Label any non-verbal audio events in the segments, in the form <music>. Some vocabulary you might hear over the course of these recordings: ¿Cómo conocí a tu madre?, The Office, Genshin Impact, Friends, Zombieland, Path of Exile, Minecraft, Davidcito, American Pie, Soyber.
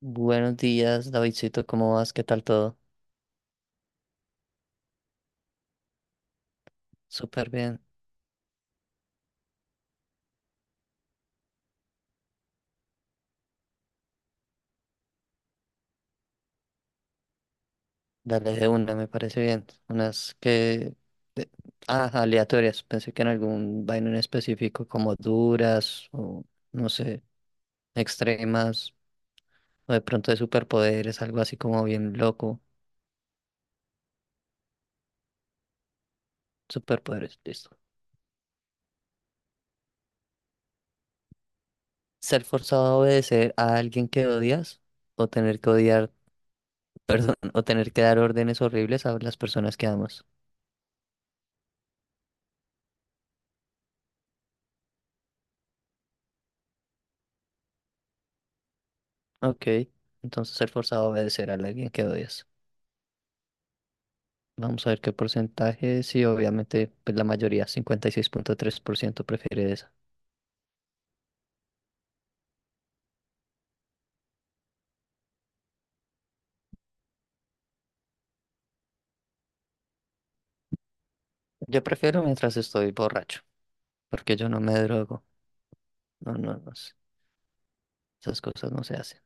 Buenos días, Davidcito, ¿cómo vas? ¿Qué tal todo? Súper bien. Dale de una, me parece bien. De- Ah, aleatorias. Pensé que en algún vaino en específico, como duras o, no sé, extremas, o de pronto de superpoderes, algo así como bien loco. Superpoderes, listo. ¿Ser forzado a obedecer a alguien que odias o tener que odiar, <laughs> perdón, o tener que dar órdenes horribles a las personas que amas? Ok, entonces ser forzado a obedecer a alguien que odias. Vamos a ver qué porcentaje. Sí, obviamente, pues la mayoría, 56,3% prefiere eso. Yo prefiero mientras estoy borracho, porque yo no me drogo. No, no, no, sé, esas cosas no se hacen.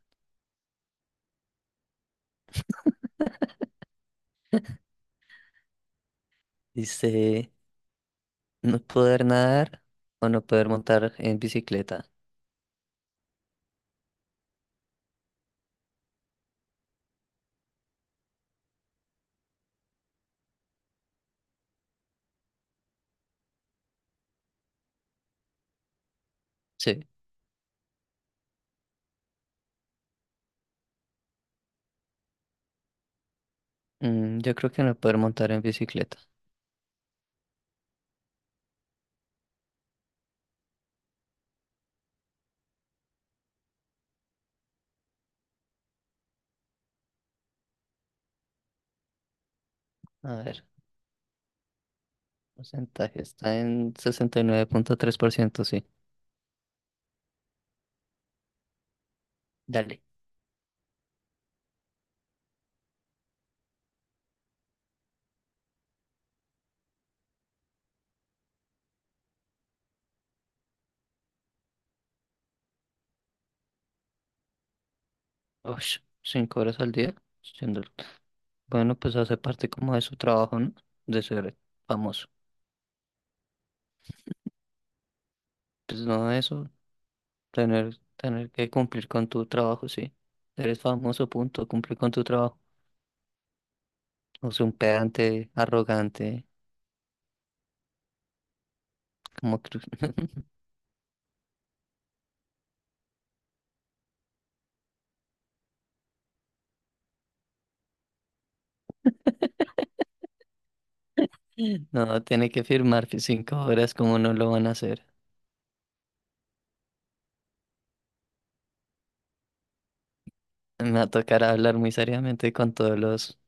Dice, no poder nadar o no poder montar en bicicleta. Sí, yo creo que no poder montar en bicicleta. A ver, porcentaje está en 69,3%, sí. Dale. Ush, 5 horas al día. siendo- el- Bueno, pues hace parte como de su trabajo, ¿no? De ser famoso. Pues no, eso, tener que cumplir con tu trabajo, sí. Eres famoso, punto, cumplir con tu trabajo. No es un pedante, arrogante, como cru- <laughs> No, tiene que firmar que 5 horas, como no lo van a hacer? Me va a tocar hablar muy seriamente con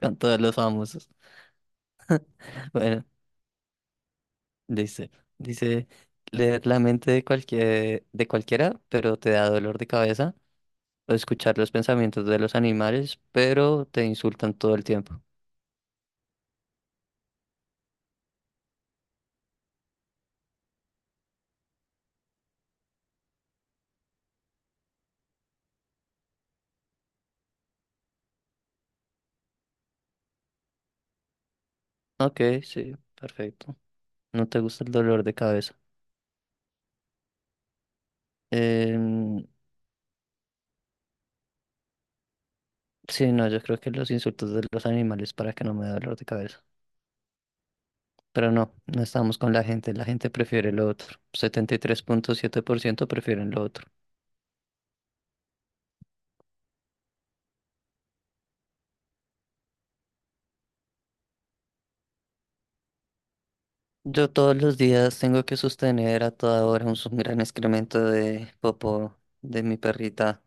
con todos los famosos. <laughs> Bueno, dice, dice, leer la mente de cualquiera, pero te da dolor de cabeza, o escuchar los pensamientos de los animales, pero te insultan todo el tiempo. Ok, sí, perfecto. No te gusta el dolor de cabeza. Em, sí, no, yo creo que los insultos de los animales para que no me dé dolor de cabeza. Pero no, no estamos con la gente. La gente prefiere lo otro. 73,7% prefieren lo otro. Yo todos los días tengo que sostener a toda hora <laughs> un gran excremento de popó de mi perrita.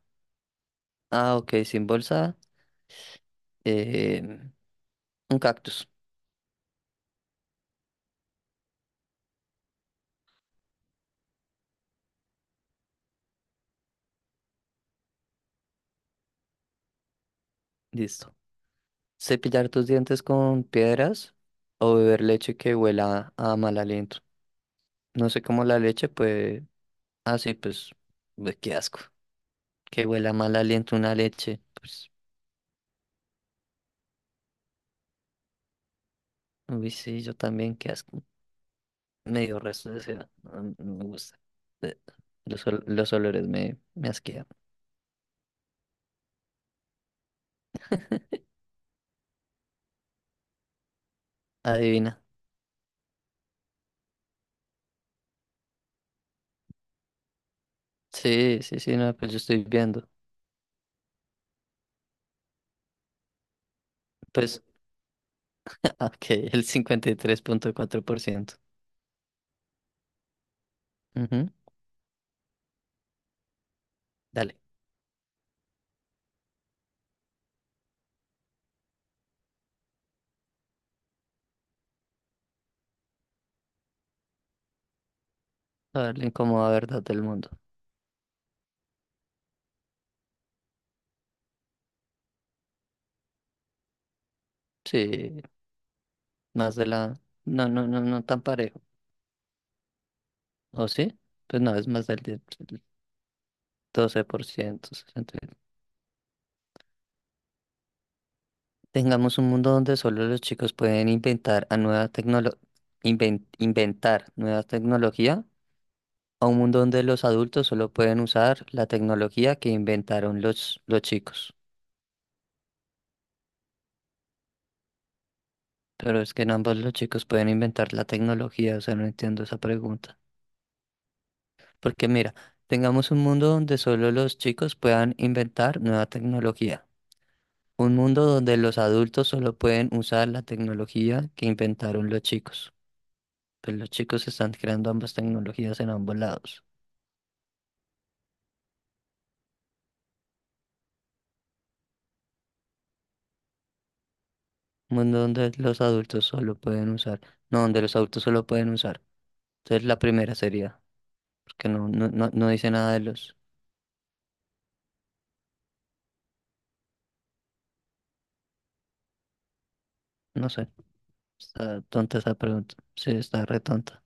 Ah, ok, sin bolsa. em, un cactus. Listo. Cepillar tus dientes con piedras o beber leche que huela a mal aliento. No sé cómo la leche, pues. Ah, sí, pues. Uy, qué asco. Que huela a mal aliento una leche. Pues. Uy, sí, yo también, qué asco. Medio resto de seda. No, no me gusta. Eh, los olores me asquean. Adivina. Sí, sí, sí, no, pues yo estoy viendo. Pues, <laughs> ok, el 53,4%. Ujú, dale. A ver, la incómoda verdad del mundo. Sí. Más de la... No, no, no, no tan parejo. ¿O sí? Pues no, es más del 10, el 12%. 60. Tengamos un mundo donde solo los chicos pueden inventar a nueva tecnolo- inven- inventar nueva tecnología, a un mundo donde los adultos solo pueden usar la tecnología que inventaron los chicos. Pero es que en ambos los chicos pueden inventar la tecnología, o sea, no entiendo esa pregunta. Porque mira, tengamos un mundo donde solo los chicos puedan inventar nueva tecnología. Un mundo donde los adultos solo pueden usar la tecnología que inventaron los chicos. Pues los chicos están creando ambas tecnologías en ambos lados. Un mundo donde los adultos solo pueden usar. No, donde los adultos solo pueden usar. Entonces la primera sería, porque no, no, no, no dice nada de los. No sé. Está tonta esa pregunta. Sí, está re tonta.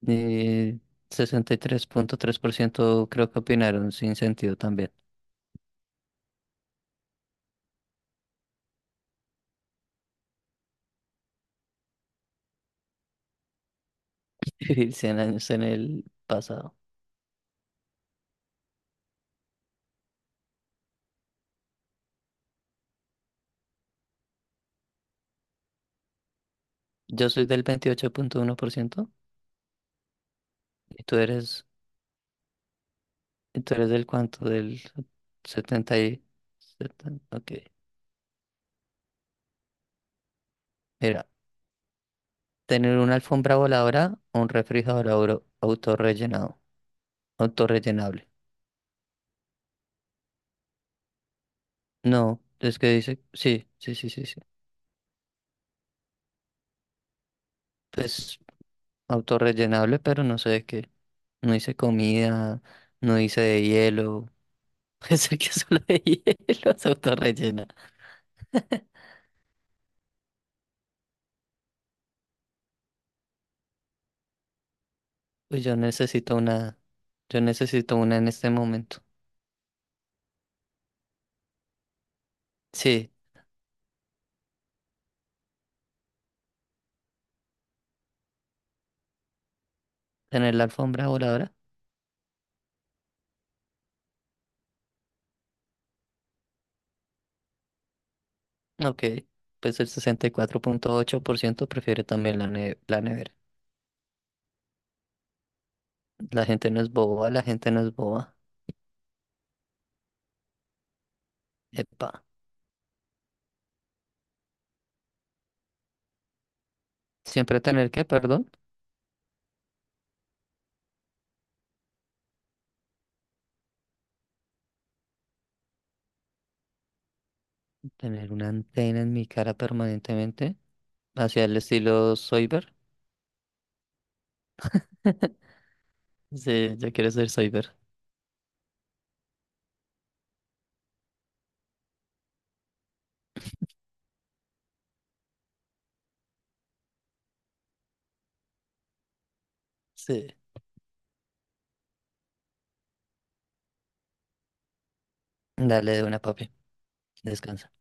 Y tres tres punto tres por ciento creo que opinaron sin sentido también. <laughs> Vivir 100 años en el pasado. Yo soy del 28,1%. ¿Y tú eres, y tú eres del cuánto? Del 70 y setenta. Ok. Mira, tener una alfombra voladora o un refrigerador autorrellenable. No, es que dice, sí, sí, sí, sí, sí. Pues autorrellenable, pero no sé de qué. No hice comida, no hice de hielo. <laughs> Pensé que solo de hielo se autorrellena. Pues yo necesito una en este momento. Sí, tener la alfombra voladora. Ok, pues el 64,8% prefiere también la nevera. La gente no es boba, la gente no es boba. Epa. Siempre tener que, perdón, tener una antena en mi cara permanentemente, hacia el estilo Soyber. Sí, yo quiero ser Soyber. Sí. Dale de una, papi. Descansa.